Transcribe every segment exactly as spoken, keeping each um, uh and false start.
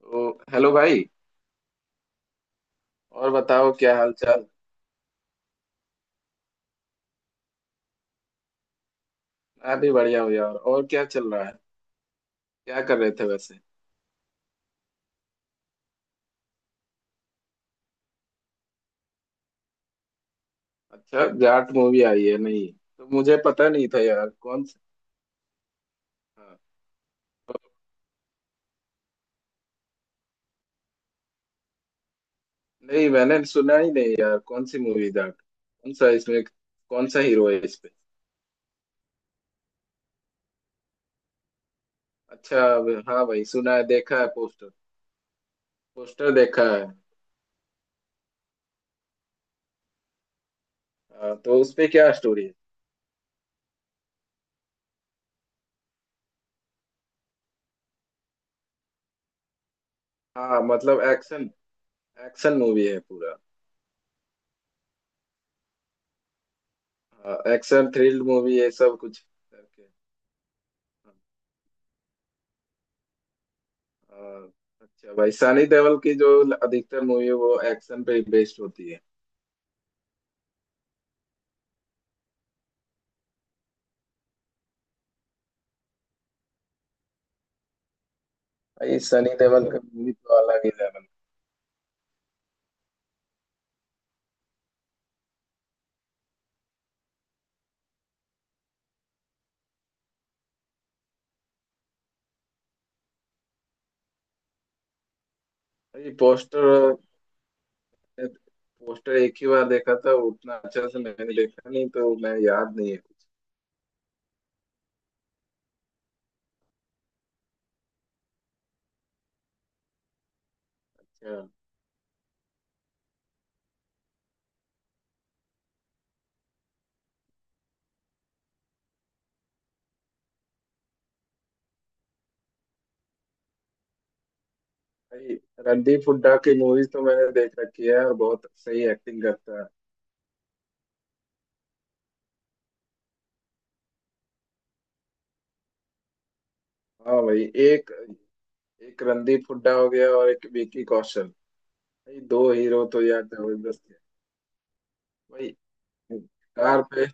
तो हेलो भाई। और बताओ क्या हाल चाल। मैं भी बढ़िया हूँ यार, और क्या चल रहा है। क्या कर रहे थे वैसे। अच्छा जाट मूवी आई है, नहीं तो मुझे पता नहीं था यार कौन सा। हाँ, नहीं मैंने सुना ही नहीं यार, कौन सी मूवी जाट, कौन सा इसमें कौन सा हीरो है इस पे। अच्छा अब- हाँ भाई, सुना है, देखा है पोस्टर। पोस्टर देखा है। हाँ, तो उस पे क्या स्टोरी है। हाँ मतलब एक्शन, एक्शन मूवी है पूरा। हाँ एक्शन थ्रिल मूवी है सब कुछ करके। हाँ। हाँ, अच्छा भाई, सनी देओल की जो अधिकतर मूवी है वो एक्शन पे बेस्ड होती है। भाई सनी देओल की मूवी तो अलग ही लेवल। भाई पोस्टर पोस्टर एक ही बार देखा था, उतना अच्छा से मैंने देखा नहीं, तो मैं याद नहीं है कुछ। अच्छा भाई, रणदीप हुड्डा की मूवीज तो मैंने देख रखी है, और बहुत सही एक्टिंग करता है। हाँ भाई, एक एक रणदीप हुड्डा हो गया और एक विकी कौशल। भाई दो हीरो तो यार जबरदस्त है। भाई कार पे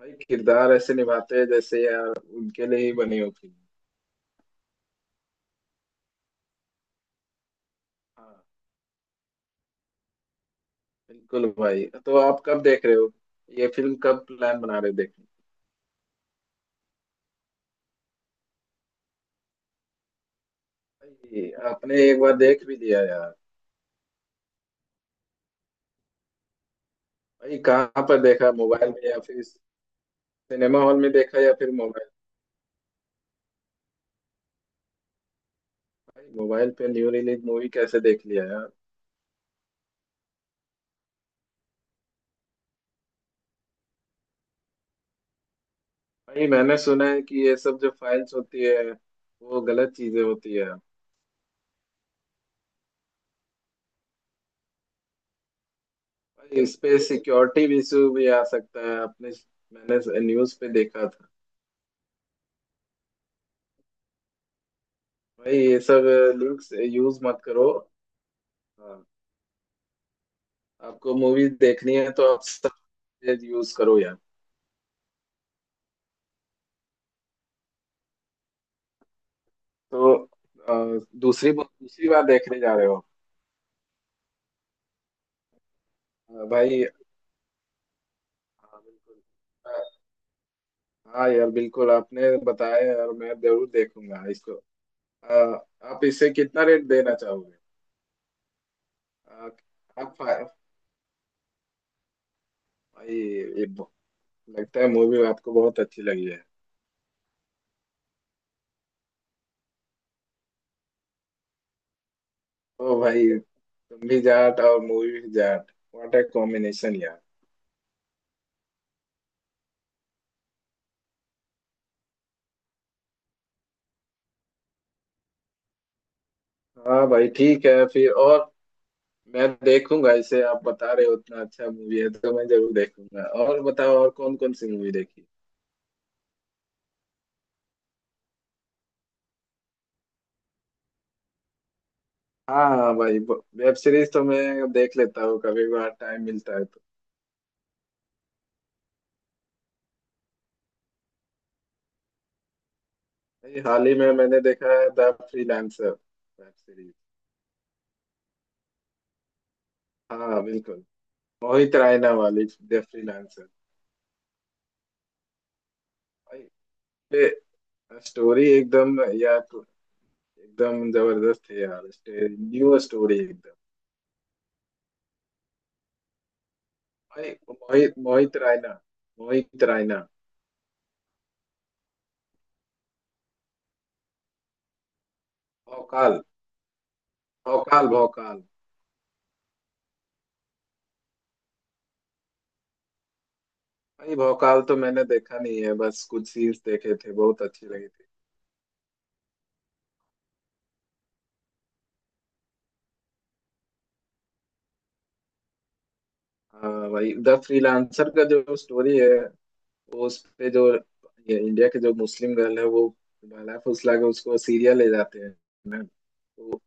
भाई किरदार ऐसे निभाते हैं जैसे यार उनके लिए ही बनी हो फिल्म। हाँ बिल्कुल भाई, तो आप कब देख रहे हो ये फिल्म, कब प्लान बना रहे हो देखने का? भाई आपने एक बार देख भी लिया यार। भाई कहाँ पर देखा, मोबाइल में या फिर सिनेमा हॉल में देखा, या फिर मोबाइल। भाई मोबाइल पे न्यू रिलीज मूवी कैसे देख लिया यार। भाई मैंने सुना है कि ये सब जो फाइल्स होती है वो गलत चीजें होती है। भाई इस पे सिक्योरिटी इशू भी आ सकता है। आपने मैंने न्यूज पे देखा था। भाई ये सब लिंक्स यूज मत करो। हाँ, आपको मूवीज देखनी है तो आप सब यूज करो यार। तो अ, दूसरी दूसरी बार देखने जा रहे हो। अ, भाई। हाँ बिल्कुल। अ, हाँ यार बिल्कुल, आपने बताया यार, मैं जरूर देखूंगा इसको। अ, आप इसे कितना रेट देना चाहोगे। अ, आप फाइव भाई ये ब- लगता है मूवी आपको बहुत अच्छी लगी है। ओ भाई तुम भी जाट और मूवी भी जाट, व्हाट ए कॉम्बिनेशन यार। हाँ भाई ठीक है फिर, और मैं देखूंगा इसे, आप बता रहे हो उतना अच्छा मूवी है तो मैं जरूर देखूंगा। और बताओ, और कौन कौन सी मूवी देखी। हाँ हाँ भाई, वेब सीरीज तो मैं देख लेता हूँ, कभी बार टाइम मिलता है तो। भाई, हाल ही में मैंने देखा है द फ्रीलांसर वेब सीरीज। हाँ बिल्कुल, मोहित रायना वाली द फ्रीलांसर। भाई ये स्टोरी एकदम यार, एकदम जबरदस्त है यार, न्यू स्टोरी एकदम। भाई मोहित, मोहित रायना, मोहित रायना भोकाल, भौकाल, भौकाल। भाई भौकाल तो मैंने देखा नहीं है, बस कुछ सीन्स देखे थे, बहुत अच्छी लगी थी। हाँ भाई, द फ्रीलांसर का जो स्टोरी है वो, उस पे जो ये इंडिया के जो मुस्लिम गर्ल है वो बहला फुसला के उसको सीरिया ले जाते हैं ना, तो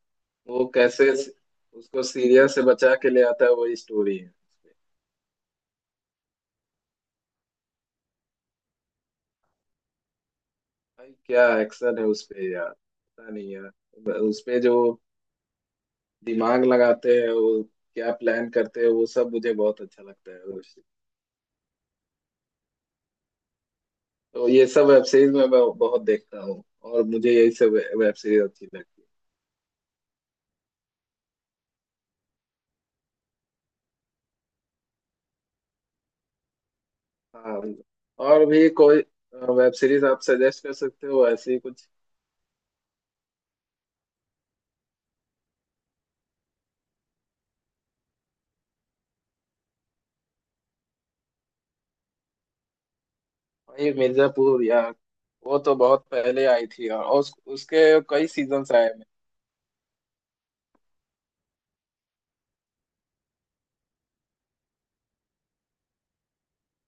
वो कैसे स- उसको सीरिया से बचा के ले आता है, वही स्टोरी है उसपे। भाई क्या एक्शन है उस पे यार, पता नहीं यार उस पे जो दिमाग लगाते हैं, वो क्या प्लान करते हैं, वो सब मुझे बहुत अच्छा लगता है। तो ये सब वेब सीरीज में मैं ब- बहुत देखता हूँ, और मुझे यही सब वे- वेब सीरीज अच्छी लगती है। हाँ, और भी कोई अ, वेब सीरीज आप सजेस्ट कर सकते हो ऐसी ही कुछ। भाई मिर्जापुर यार, वो तो बहुत पहले आई थी यार, और उस, उसके कई सीजन्स आए हैं।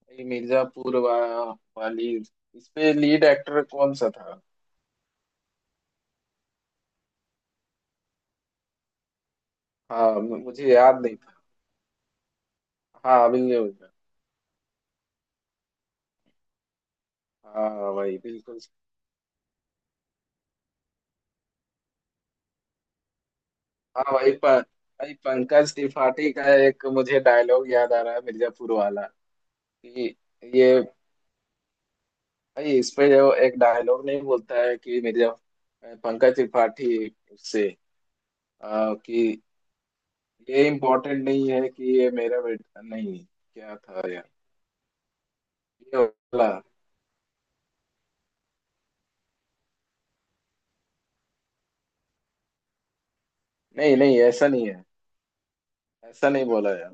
भाई मिर्जापुर वा, वाली, इसपे लीड एक्टर कौन सा था। हाँ मु- मुझे याद नहीं था। हाँ अभी नहीं होगा। हाँ भाई बिल्कुल। हाँ भाई, प, भाई पंकज त्रिपाठी का एक मुझे डायलॉग याद आ रहा है मिर्जापुर वाला। ये ये भाई, इसमें जो एक डायलॉग नहीं बोलता है कि, मेरे जब पंकज त्रिपाठी से आ, कि ये इम्पोर्टेंट नहीं है कि ये मेरा बेटा नहीं, क्या था यार ये बोला। नहीं नहीं, ऐसा नहीं है, ऐसा नहीं बोला यार।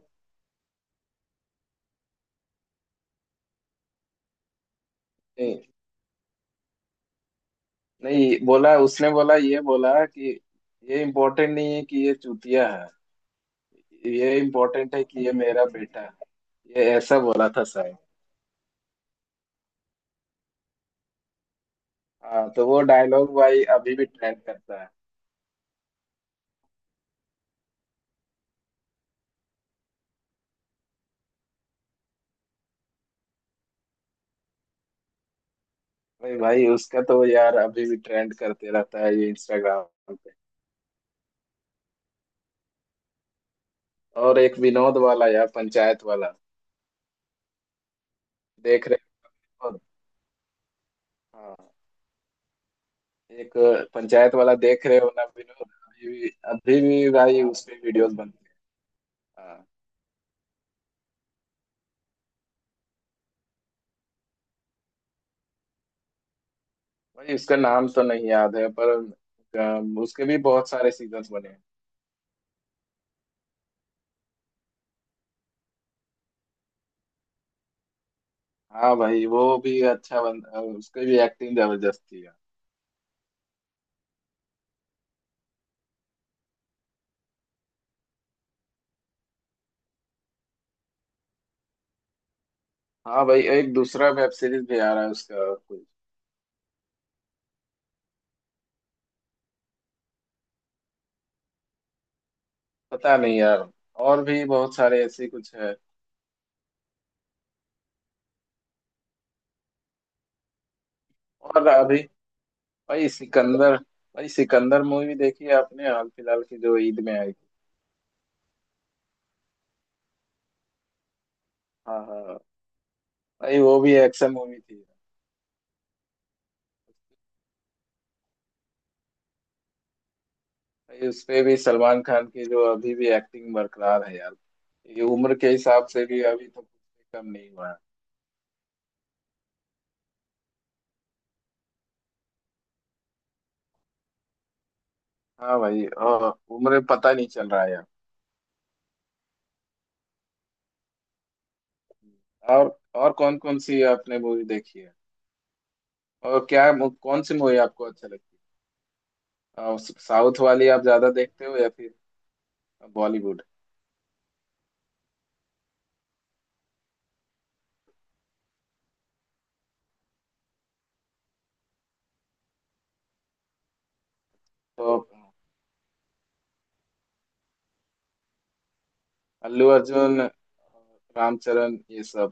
नहीं नहीं बोला उसने, बोला ये बोला कि, ये इम्पोर्टेंट नहीं है कि ये चूतिया है, ये इम्पोर्टेंट है कि ये मेरा बेटा है, ये ऐसा बोला था शायद। हाँ, तो वो डायलॉग भाई अभी भी ट्रेंड करता है। भाई भाई उसका तो यार अभी भी ट्रेंड करते रहता है ये इंस्टाग्राम पे। और एक विनोद वाला यार, पंचायत वाला देख रहे हो। हाँ। एक पंचायत वाला देख रहे हो ना विनोद, अभी भी अभी भी भाई उस पे वीडियोस बनते हैं। हाँ भाई उसका नाम तो नहीं याद है पर अ, उसके भी बहुत सारे सीजन्स बने हैं। हाँ भाई वो भी अच्छा बन अ, उसकी भी एक्टिंग जबरदस्त थी यार। हाँ भाई, एक दूसरा वेब सीरीज भी आ रहा है उसका कुछ पता नहीं यार, और भी बहुत सारे ऐसे कुछ है। और अभी भाई सिकंदर, भाई सिकंदर मूवी देखी है आपने हाल फिलहाल की जो ईद में आई थी। हाँ हाँ भाई, वो भी एक्शन मूवी थी। भाई उस पे भी सलमान खान की जो अभी भी एक्टिंग बरकरार है यार, ये उम्र के हिसाब से भी अभी तो कुछ भी कम नहीं हुआ है। हाँ भाई, और उम्र पता नहीं चल रहा है यार। और और कौन कौन सी आपने मूवी देखी है। और क्या मु- कौन सी मूवी आपको अच्छा लगती है, अ, साउथ वाली आप ज्यादा देखते हो या फिर बॉलीवुड। तो अल्लू अर्जुन, रामचरण, ये सब।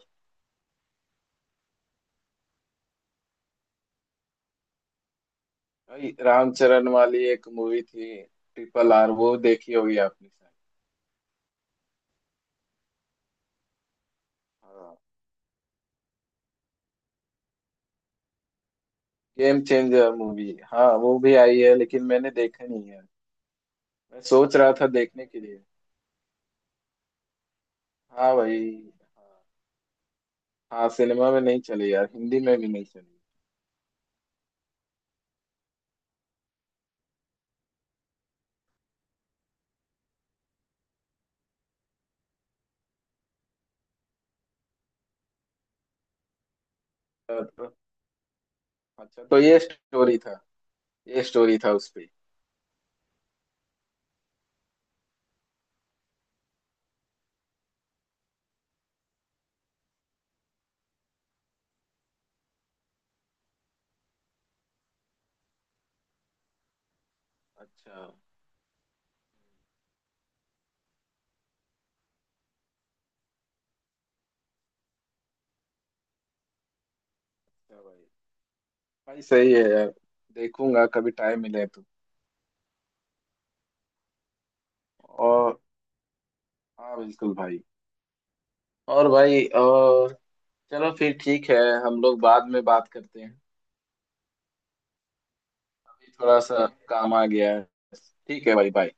भाई रामचरण वाली एक मूवी थी, ट्रिपल आर, वो देखी होगी आपने शायद। हाँ। गेम चेंजर मूवी, हाँ वो भी आई है लेकिन मैंने देखा नहीं है, मैं सोच रहा था देखने के लिए। हाँ भाई। हाँ, हाँ सिनेमा में नहीं चली यार, हिंदी में भी नहीं चली। तो, तो- अच्छा तो ये स्टोरी था, ये स्टोरी था उस पे। अच्छा अच्छा भाई, भाई सही है यार, देखूंगा कभी टाइम मिले तो। और हाँ बिल्कुल भाई। और भाई, और चलो फिर ठीक है, हम लोग बाद में बात करते हैं। अभी थोड़ा सा काम आ गया है। ठीक है भाई, बाय।